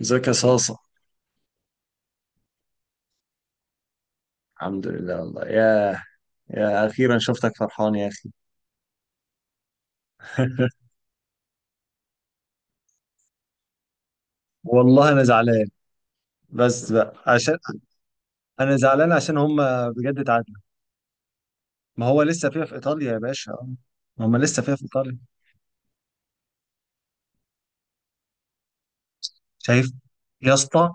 ازيك يا صاصة؟ الحمد لله والله. ياه، يا أخيرا شفتك فرحان يا أخي. والله انا زعلان بس بقى عشان انا زعلان عشان هم بجد اتعادلوا. ما هو لسه فيها في ايطاليا يا باشا، آه، ما هم لسه فيها في ايطاليا. شايف يا اسطى،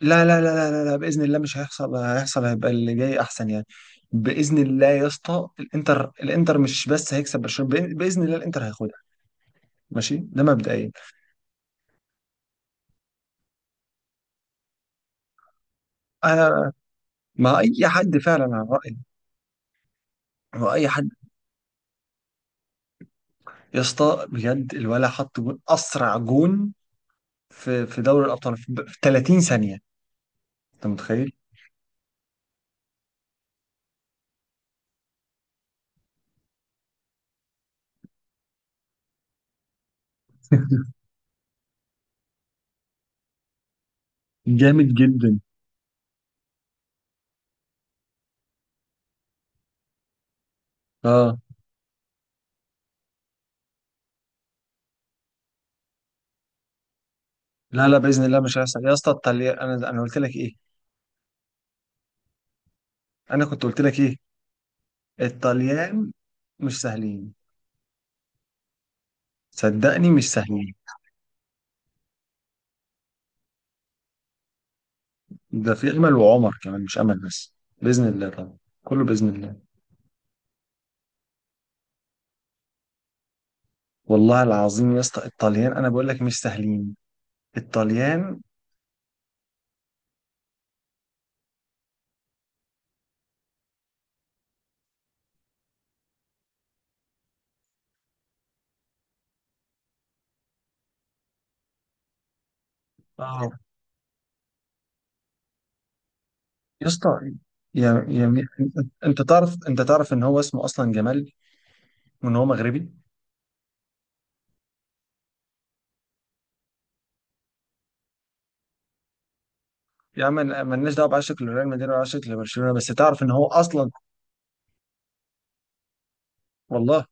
لا لا لا لا لا لا، باذن الله مش هيحصل، هيحصل هيبقى اللي جاي احسن يعني. باذن الله يا اسطى، الانتر مش بس هيكسب برشلونه، باذن الله الانتر هياخدها. ماشي، ده مبدئيا. انا ما اي حد فعلا على رايي، واي حد. يا اسطى بجد الولع، حط جون اسرع جون في دوري الابطال في 30 ثانيه. انت متخيل؟ جامد جدا. اه. لا لا، باذن الله مش هيحصل يا اسطى، الطليان، انا قلت لك ايه؟ انا كنت قلت لك ايه؟ الطليان مش سهلين، صدقني مش سهلين. ده في امل، وعمر كمان، مش امل بس، باذن الله طبعا، كله باذن الله. والله العظيم يا اسطى الطليان انا بقول لك مش سهلين. الطليان. اه. يا اسطى، يا يا مي- انت تعرف، انت تعرف ان هو اسمه اصلا جمال، وان هو مغربي. يا عم، مالناش دعوه بعشق لريال مدريد ولا عشق لبرشلونه، بس تعرف ان هو اصلا، والله.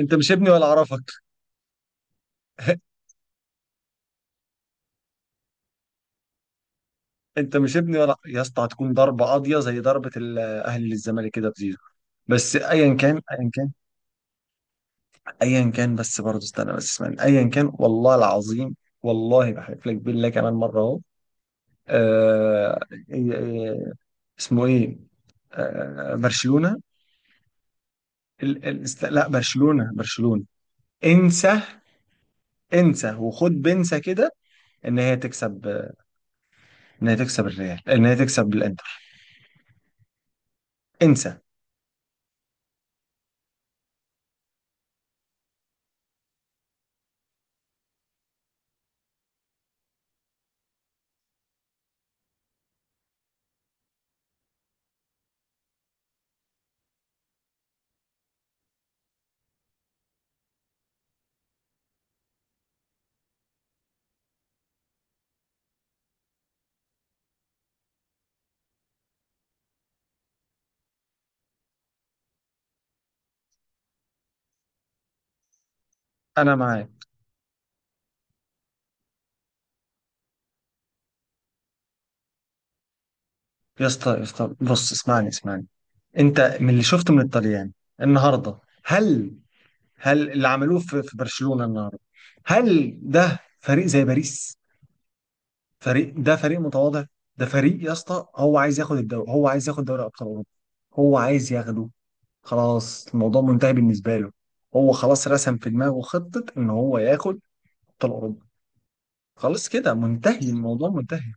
انت مش ابني ولا اعرفك. انت مش ابني ولا يا اسطى. هتكون ضربه قاضيه زي ضربه الاهلي للزمالك كده في زيزو. بس ايا كان، ايا كان، ايا كان، بس برضه استنى بس اسمعني، ايا كان والله العظيم، والله بحلف لك بالله كمان مره اهو. آه... إيه- إيه- اسمه ايه؟ برشلونه. لا، برشلونة، برشلونة. انسى. انسى وخد بنسى كده ان هي تكسب، ان هي تكسب الريال، ان هي تكسب الانتر. انسى. انا معاك. يا اسطى، يا اسطى، بص اسمعني، اسمعني. انت من اللي شفته من الطليان النهارده، هل، هل اللي عملوه في برشلونة النهارده، هل ده فريق زي باريس؟ فريق، ده فريق متواضع. ده فريق يا اسطى هو عايز ياخد الدوري، هو عايز ياخد دوري ابطال اوروبا. هو عايز ياخده، خلاص الموضوع منتهي بالنسبة له. هو خلاص رسم في دماغه خطة إن هو ياخد أبطال أوروبا. خلاص كده منتهي، الموضوع منتهي.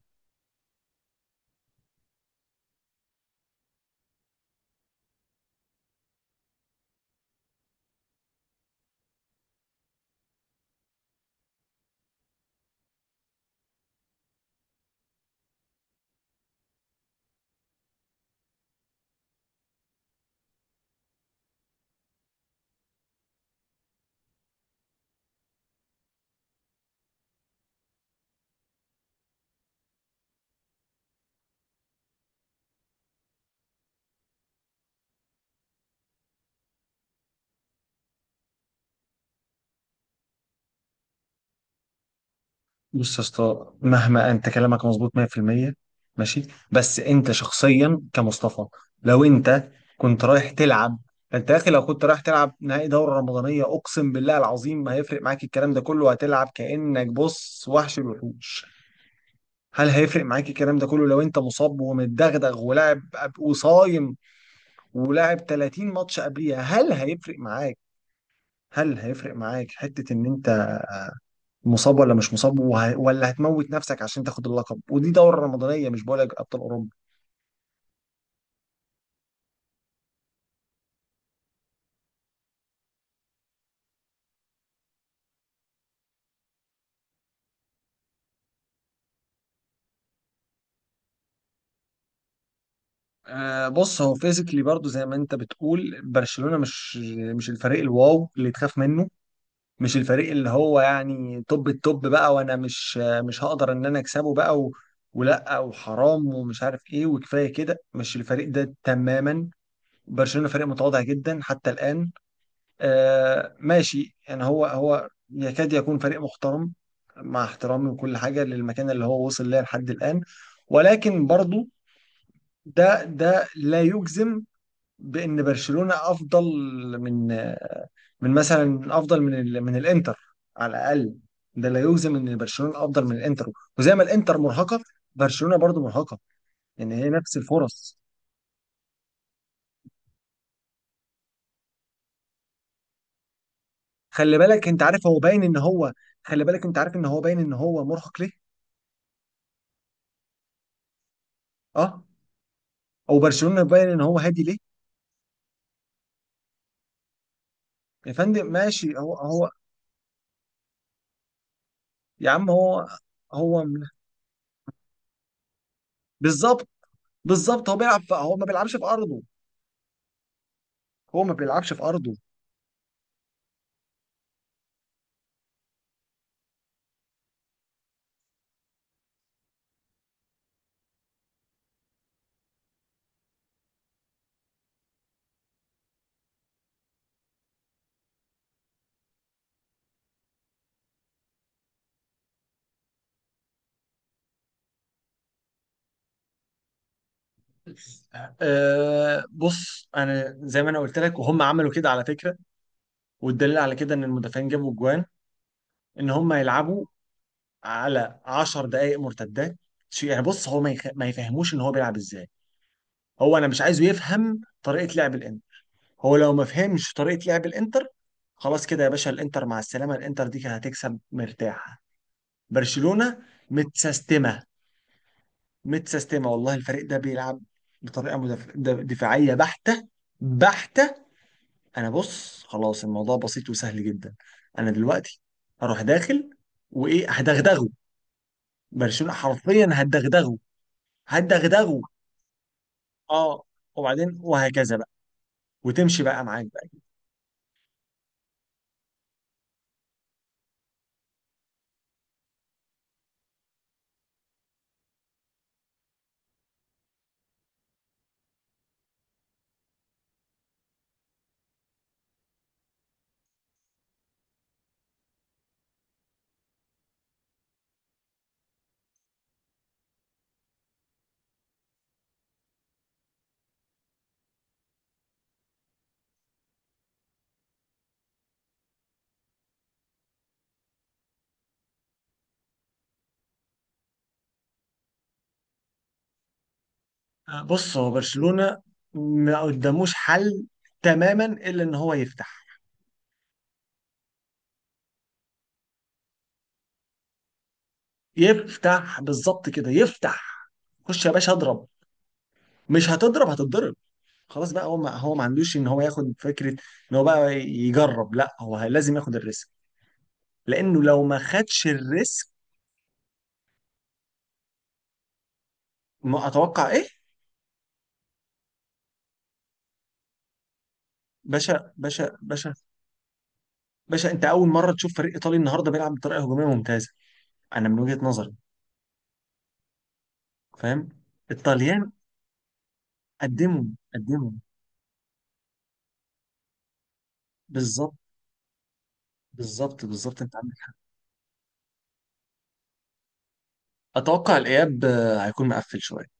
بص يا اسطى، مهما أنت كلامك مظبوط 100%، ماشي، بس أنت شخصيا كمصطفى، لو أنت كنت رايح تلعب، أنت يا أخي لو كنت رايح تلعب نهائي دورة رمضانية، أقسم بالله العظيم ما هيفرق معاك الكلام ده كله، هتلعب كأنك بص وحش الوحوش. هل هيفرق معاك الكلام ده كله لو انت مصاب ومتدغدغ ولاعب وصايم ولعب 30 ماتش قبليها؟ هل هيفرق معاك؟ هل هيفرق معاك حتة ان انت مصاب ولا مش مصاب ولا هتموت نفسك عشان تاخد اللقب؟ ودي دورة رمضانية، مش بقولك ابطال اوروبا. آه بص، هو فيزيكلي برضو زي ما انت بتقول، برشلونة مش، مش الفريق الواو اللي تخاف منه، مش الفريق اللي هو يعني توب التوب بقى وانا مش هقدر ان انا اكسبه بقى ولا وحرام ومش عارف ايه وكفايه كده، مش الفريق ده تماما. برشلونة فريق متواضع جدا حتى الآن. آه ماشي، يعني هو يكاد يكون فريق محترم، مع احترامي وكل حاجة، للمكان اللي هو وصل ليه لحد الآن، ولكن برضو ده، لا يجزم بأن برشلونة أفضل من، آه، من مثلا أفضل من من الإنتر على الأقل. ده لا يجزم إن برشلونة أفضل من الإنتر. وزي ما الإنتر مرهقة، برشلونة برضو مرهقة. يعني هي نفس الفرص. خلي بالك أنت عارف، هو باين إن هو، خلي بالك أنت عارف إن هو باين إن هو مرهق ليه؟ أه. او برشلونه باين ان هو هادي ليه. يا فندم ماشي، هو. يا عم هو، هو م- بالظبط، بالظبط. هو بيلعب في، هو ما بيلعبش في ارضه، هو ما بيلعبش في ارضه. أه بص، انا زي ما انا قلت لك، وهم عملوا كده على فكره، والدليل على كده ان المدافعين جابوا جوان، ان هم يلعبوا على 10 دقائق مرتدات. يعني بص، هو ما يخ... ما يفهموش ان هو بيلعب ازاي. هو انا مش عايزه يفهم طريقه لعب الانتر. هو لو ما فهمش طريقة لعب الانتر، خلاص كده يا باشا، الانتر مع السلامة. الانتر دي كانت هتكسب مرتاحة. برشلونة متسستمة، متسستمة والله. الفريق ده بيلعب بطريقة دفاعية بحتة، بحتة. انا بص، خلاص الموضوع بسيط وسهل جدا. انا دلوقتي هروح داخل وايه، هدغدغه. برشلونة حرفيا هدغدغه، هدغدغه. اه. وبعدين وهكذا بقى، وتمشي بقى معاك. آه، بص هو برشلونة ما قداموش حل تماما الا ان هو يفتح. يفتح بالظبط كده، يفتح. خش يا باشا اضرب، مش هتضرب، هتتضرب. خلاص بقى، هو ما عندوش ان هو ياخد فكرة ان هو بقى يجرب، لا هو لازم ياخد الريسك، لانه لو ما خدش الريسك، ما اتوقع ايه. باشا، باشا، باشا، باشا، انت اول مرة تشوف فريق ايطالي النهاردة بيلعب بطريقة هجومية ممتازة، انا من وجهة نظري. فاهم. الطليان قدموا، قدموا، بالظبط، بالظبط، بالظبط، انت عندك حق. اتوقع الاياب، آه، هيكون مقفل شويه.